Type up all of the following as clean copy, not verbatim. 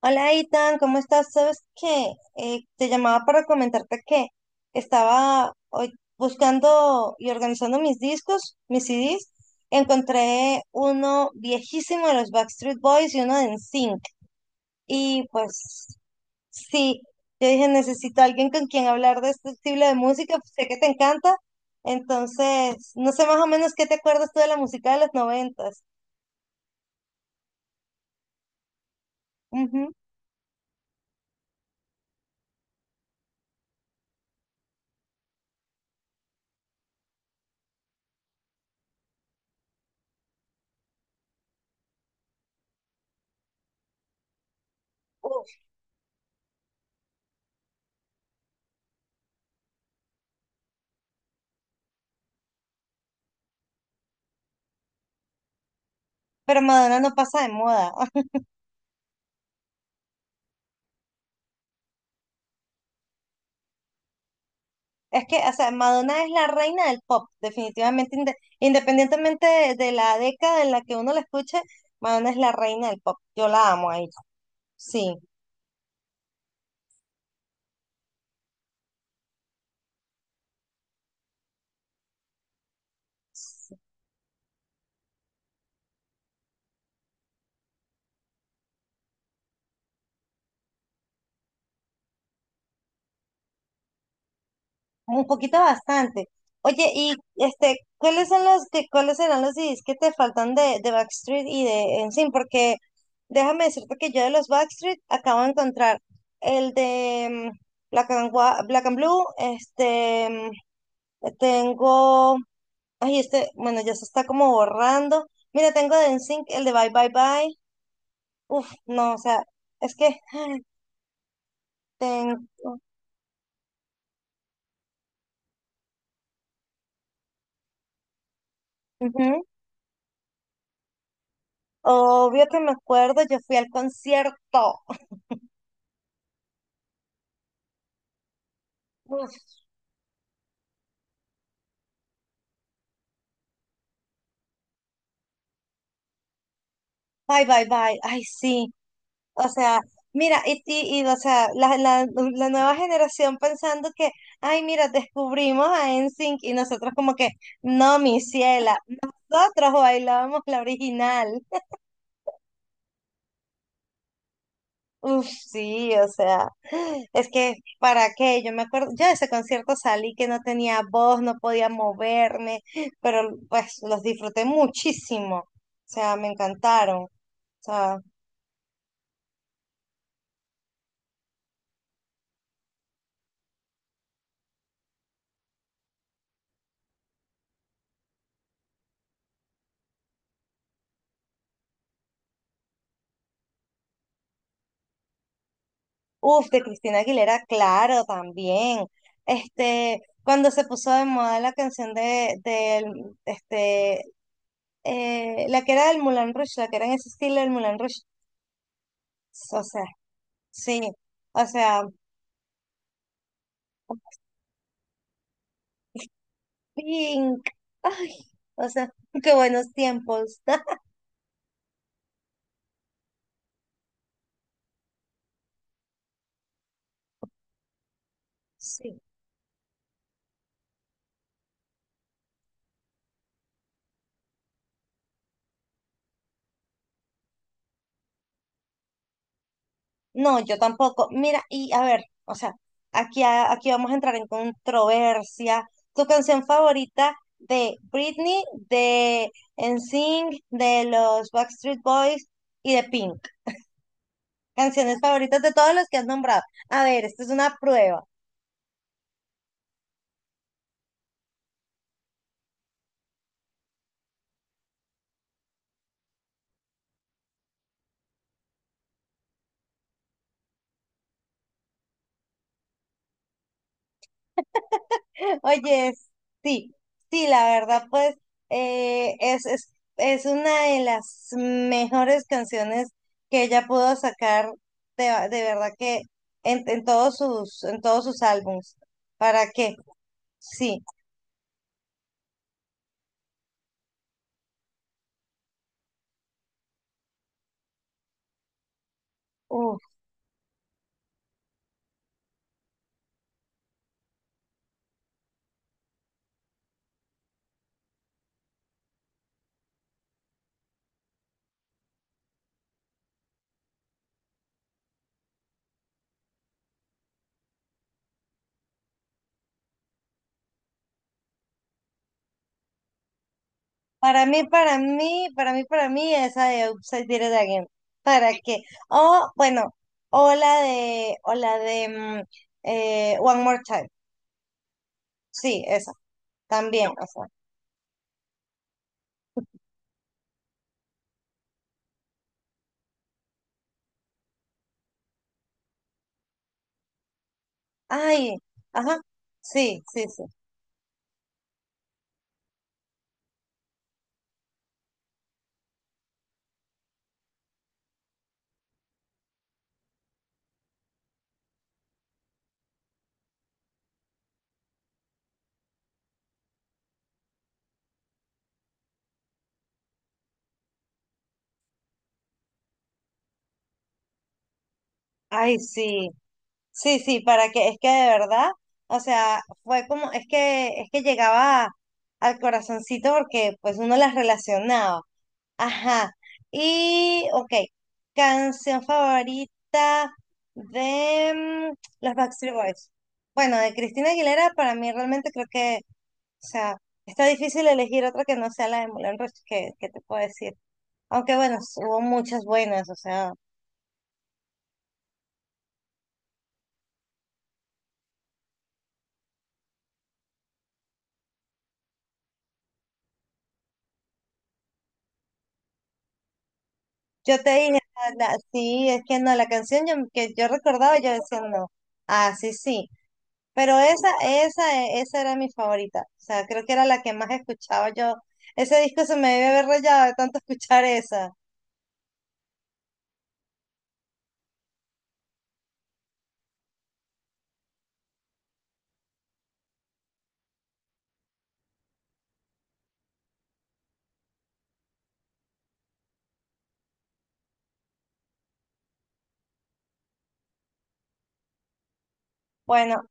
Hola, Itan, ¿cómo estás? ¿Sabes qué? Te llamaba para comentarte que estaba hoy buscando y organizando mis discos, mis CDs. Encontré uno viejísimo de los Backstreet Boys y uno de NSYNC. Y pues sí, yo dije, necesito a alguien con quien hablar de este estilo de música, pues, sé que te encanta. Entonces, no sé más o menos qué te acuerdas tú de la música de los noventas. Ujú. Uf, pero Madonna no pasa de moda. Es que, o sea, Madonna es la reina del pop, definitivamente, independientemente de la década en la que uno la escuche, Madonna es la reina del pop. Yo la amo a ella, sí, un poquito bastante. Oye, y este, ¿cuáles son los que, cuáles serán los CDs que te faltan de Backstreet y de NSYNC? Porque déjame decirte que yo de los Backstreet acabo de encontrar el de Black and Blue, este, tengo. Ay, este, bueno, ya se está como borrando. Mira, tengo de NSYNC el de Bye Bye Bye. Uf, no, o sea, es que ay, tengo. Ujú. Obvio que me acuerdo, yo fui al concierto. Uf, Bye Bye Bye. Ay, sí. O sea, mira, y, o sea, la nueva generación pensando que, ay, mira, descubrimos a NSYNC y nosotros como que, no, mi ciela, nosotros bailábamos la original. Uf, sí, o sea, es que para qué, yo me acuerdo, yo de ese concierto salí que no tenía voz, no podía moverme, pero pues los disfruté muchísimo, o sea, me encantaron, o sea, uf, de Cristina Aguilera, claro, también, este, cuando se puso de moda la canción del, este, la que era del Moulin Rouge, la que era en ese estilo del Moulin Rouge, o sea, sí, o sea. Pink. Ay, o sea, qué buenos tiempos. Sí. No, yo tampoco. Mira, y a ver, o sea, aquí, aquí vamos a entrar en controversia. ¿Tu canción favorita de Britney, de NSYNC, de los Backstreet Boys y de Pink? Canciones favoritas de todos los que has nombrado. A ver, esta es una prueba. Oye, sí, sí, la verdad, pues es una de las mejores canciones que ella pudo sacar de verdad que en todos sus álbums. ¿Para qué? Sí. Uf. Para mí, esa de Upside Did It Again. ¿Para qué? O, bueno, o la de One More Time. Sí, esa, también. O sea, ay, ajá, sí, sí, sí. Ay, sí, sí, sí, para que, es que de verdad, o sea, fue como, es que llegaba al corazoncito porque pues uno las relacionaba. Ajá. Y, ok, canción favorita de los Backstreet Boys. Bueno, de Cristina Aguilera, para mí realmente creo que, o sea, está difícil elegir otra que no sea la de Moulin Rouge, que te puedo decir. Aunque bueno, hubo muchas buenas, o sea. Yo te dije, "Ah, sí, es que no, la canción que yo recordaba, yo decía no. Ah, sí, sí. Pero esa era mi favorita. O sea, creo que era la que más escuchaba yo. Ese disco se me debe haber rayado de tanto escuchar esa. Bueno,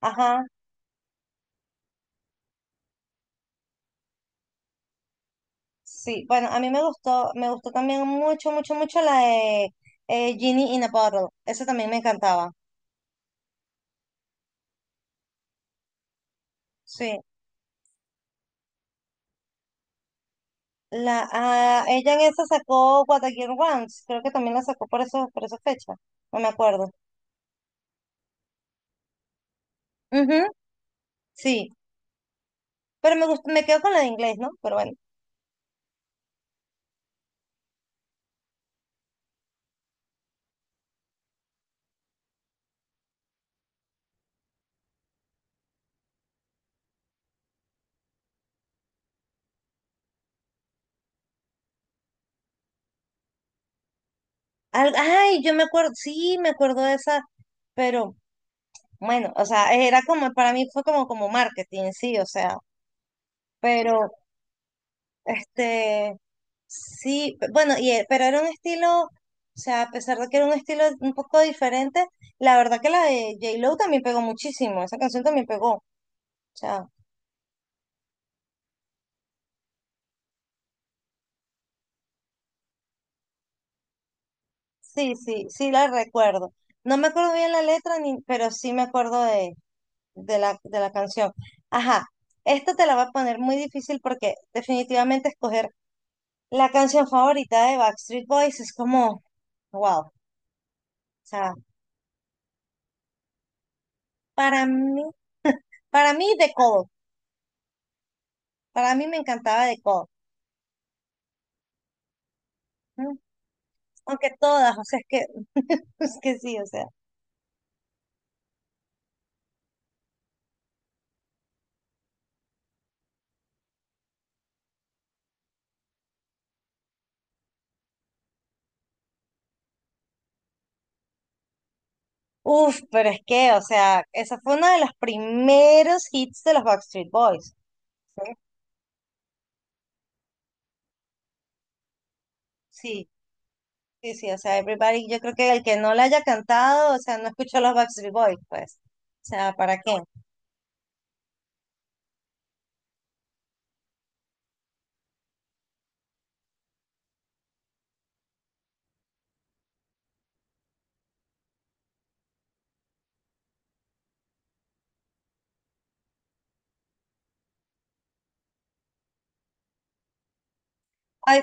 ajá, sí. Bueno, a mí me gustó también mucho, mucho, mucho la de Genie in a Bottle. Esa también me encantaba. Sí. Ella en esa sacó What a Girl Wants. Creo que también la sacó por eso, por esa fecha. No me acuerdo. Ujú. Sí, pero me gustó, me quedo con la de inglés, ¿no? Pero bueno. Ay, yo me acuerdo, sí, me acuerdo de esa, pero bueno, o sea, era como, para mí fue como, marketing, sí, o sea, pero, este, sí, bueno, y, pero era un estilo, o sea, a pesar de que era un estilo un poco diferente, la verdad que la de J-Lo también pegó muchísimo, esa canción también pegó, o sea, sí, sí, sí la recuerdo. No me acuerdo bien la letra, ni, pero sí me acuerdo de la canción. Ajá, esta te la va a poner muy difícil porque definitivamente escoger la canción favorita de Backstreet Boys es como, wow, o sea, para mí, para mí The Call, para mí me encantaba The Call, ¿m? Aunque todas, o sea, es que, es que sí, o sea, uff, pero es que, o sea, esa fue uno de los primeros hits de los Backstreet Boys, ¿sí? Sí, sí, sí, o sea, Everybody, yo creo que el que no la haya cantado, o sea, no escuchó los Backstreet Boys, pues, o sea, ¿para qué? Ay,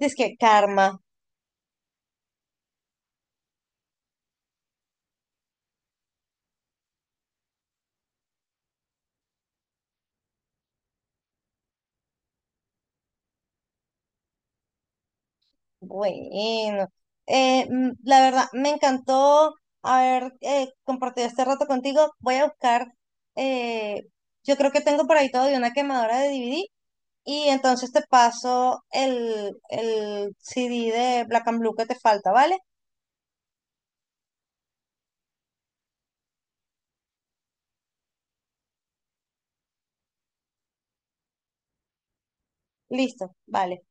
es que karma. Bueno, la verdad, me encantó haber compartido este rato contigo. Voy a buscar, eh, yo creo que tengo por ahí todo de una quemadora de DVD y entonces te paso el CD de Black and Blue que te falta, ¿vale? Listo, vale,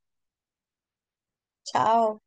chao.